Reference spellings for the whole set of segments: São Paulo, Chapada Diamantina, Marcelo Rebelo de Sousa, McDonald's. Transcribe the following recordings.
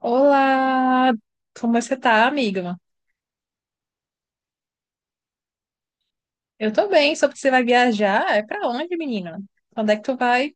Olá, como você tá, amiga? Eu tô bem, soube que você vai viajar. É pra onde, menina? Quando é que tu vai?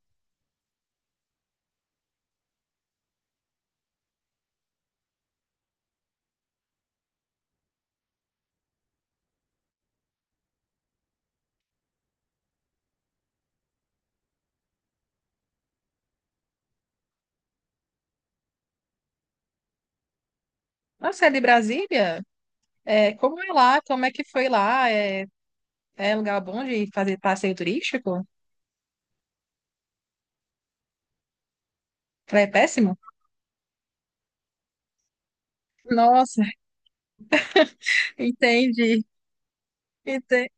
Nossa, é de Brasília? É, como é lá? Como é que foi lá? É lugar bom de fazer passeio turístico? É péssimo? Nossa. entendi, ente-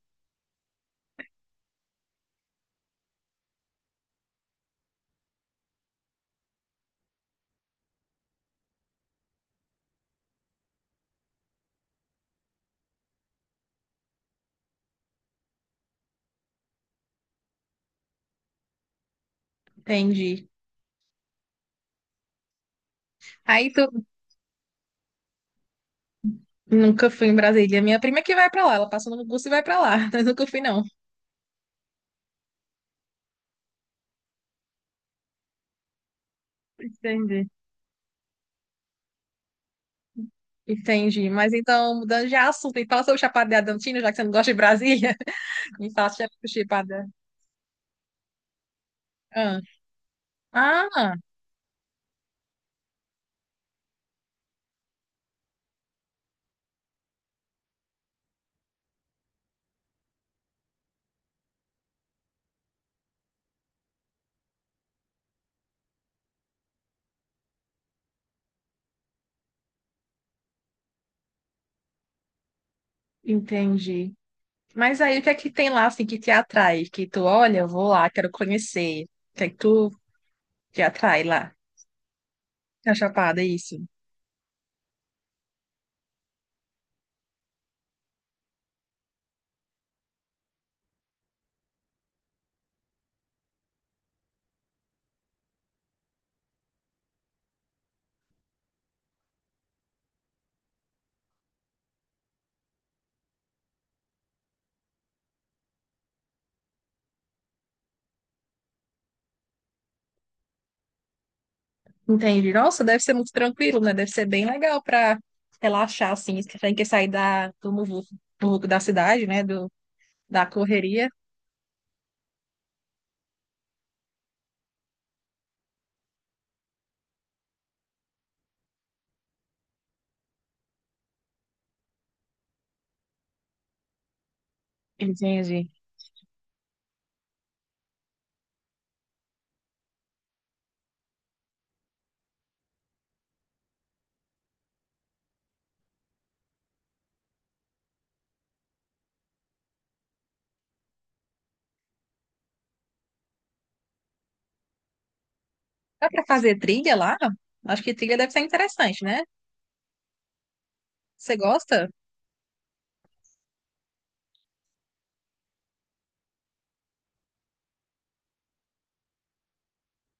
Entendi. Aí tu nunca fui em Brasília. Minha prima que vai pra lá, ela passou no curso e vai pra lá. Mas nunca fui, não. Entendi, entendi. Mas então, mudando de assunto, e fala sobre o Chapada Diamantina, já que você não gosta de Brasília. Me faça chipada. Ah, ah, Entendi. Mas aí o que é que tem lá assim que te atrai? Que tu olha, eu vou lá, quero conhecer. O que é que tu te atrai lá? Na Chapada, isso. Entendi. Nossa, deve ser muito tranquilo, né? Deve ser bem legal pra relaxar, assim, sem que sair da, do muvuco da cidade, né? Da correria. Entendi. Dá pra fazer trilha lá? Acho que trilha deve ser interessante, né? Você gosta?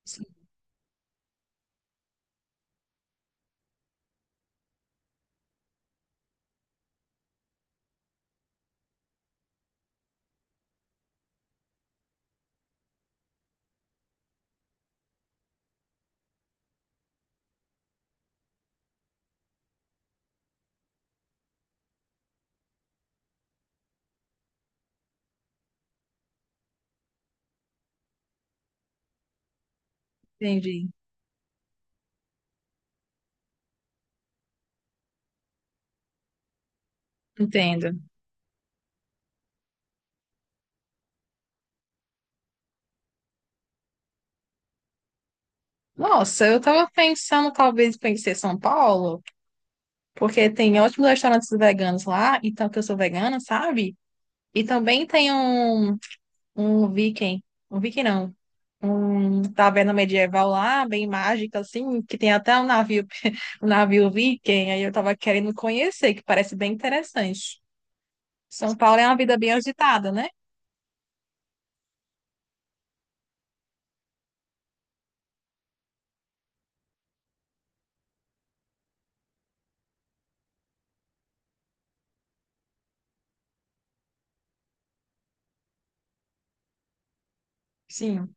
Sim. Entendi, entendo. Nossa, eu tava pensando talvez em conhecer São Paulo, porque tem ótimos restaurantes veganos lá, então que eu sou vegana, sabe? E também tem um viking, um viking não, um taverna medieval lá, bem mágica assim, que tem até um navio, um navio viking, aí eu tava querendo conhecer, que parece bem interessante. São Paulo é uma vida bem agitada, né? Sim.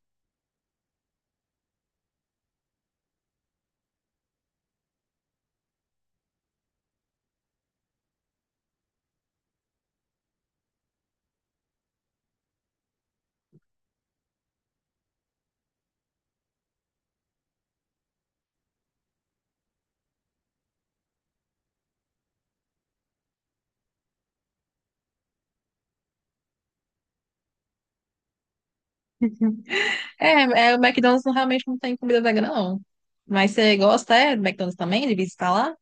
É, o McDonald's não- realmente não tem comida vegana, não. Mas você gosta, é, do McDonald's também, de visitar lá?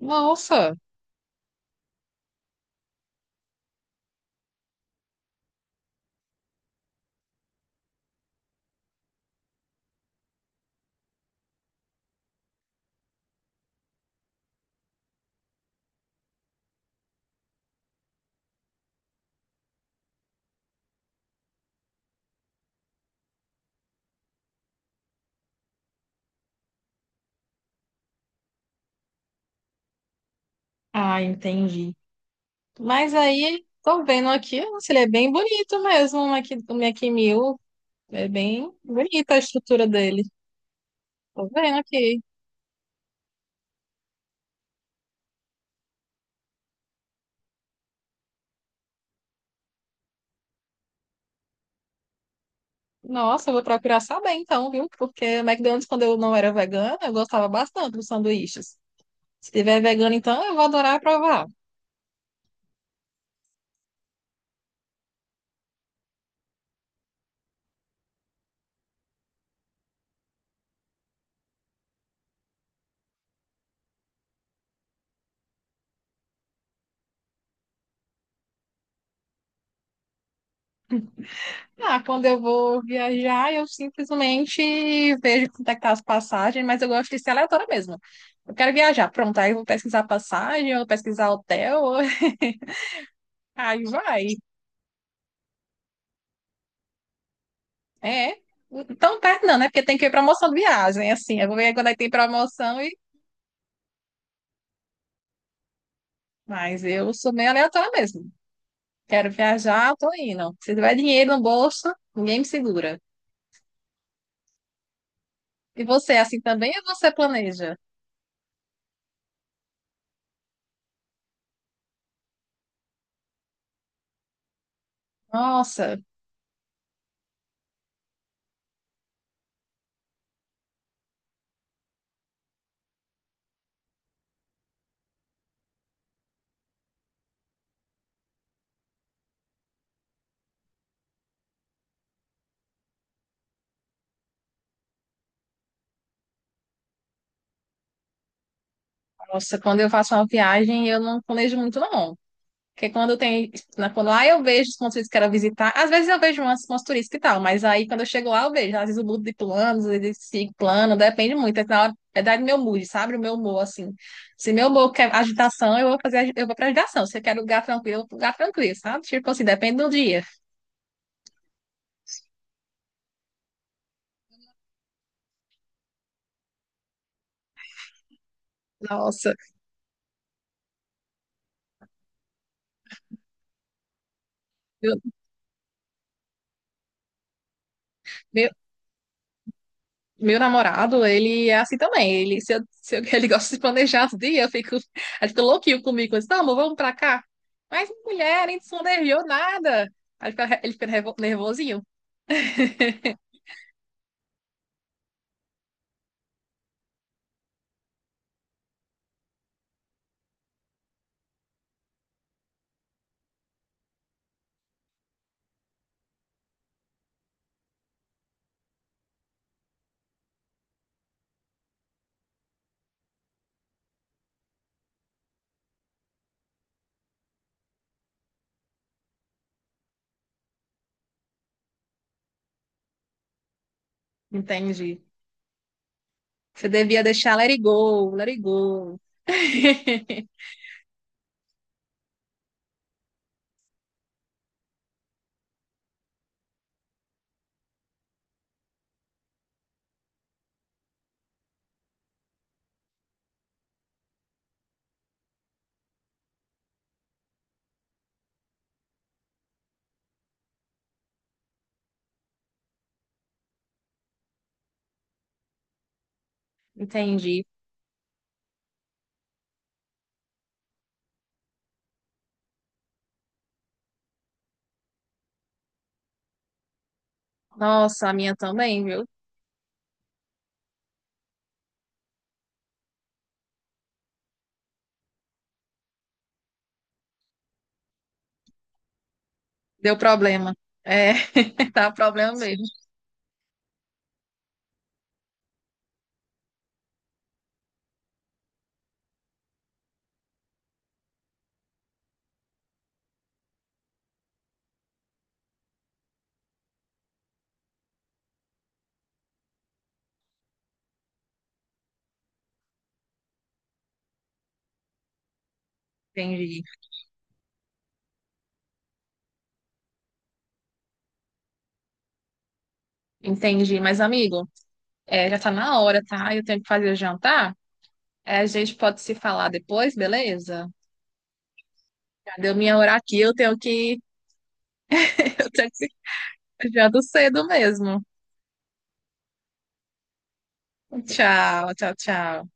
Nossa! Ah, entendi. Mas aí, tô vendo aqui, nossa, ele é bem bonito mesmo, o Mac Mill. É bem bonita a estrutura dele. Tô vendo aqui. Nossa, eu vou procurar saber então, viu? Porque o McDonald's, quando eu não era vegana, eu gostava bastante dos sanduíches. Se tiver vegano, então, eu vou adorar provar. Ah, quando eu vou viajar, eu simplesmente vejo quanto é que tá as passagens, mas eu gosto de ser aleatória mesmo. Eu quero viajar, pronto, aí eu vou pesquisar passagem, eu vou pesquisar hotel, aí vai. É, tão perto não, né? Porque tem que ver promoção de viagem, assim, eu vou ver quando aí tem promoção e... Mas eu sou meio aleatória mesmo. Quero viajar, tô indo. Se tiver dinheiro no bolso, ninguém me segura. E você, é assim também, ou você planeja? Nossa, nossa, quando eu faço uma viagem, eu não planejo muito, não. Porque quando tem, na- quando lá eu vejo os pontos turísticos que eu quero visitar, às vezes eu vejo umas turísticas e tal, mas aí quando eu chego lá eu vejo, às vezes eu mudo de planos, às vezes sigo plano, depende muito, é na hora, é da do meu mood, sabe? O meu humor, assim. Se meu humor quer agitação, eu vou fazer, agi- eu vou pra agitação. Se eu quero lugar tranquilo, eu vou pro lugar tranquilo, sabe? Tipo assim, depende do dia. Nossa, eu- meu Meu namorado, ele é assim também. Ele, se eu- ele gosta de planejar os dias, eu fico, ele fica louquinho comigo. Eu disse, não, amor, vamos pra cá. Mas mulher, nem se planejou nada. Aí ele fica, ele fica nervosinho. Entendi. Você devia deixar let it go, let it go. Entendi. Nossa, a minha também, viu? Deu problema. É, tá problema mesmo. Entendi, entendi. Mas, amigo, é, já tá na hora, tá? Eu tenho que fazer o jantar. É, a gente pode se falar depois, beleza? Cadê eu minha hora aqui? Eu tenho que, eu tenho que ir ser cedo mesmo. Tchau, tchau, tchau.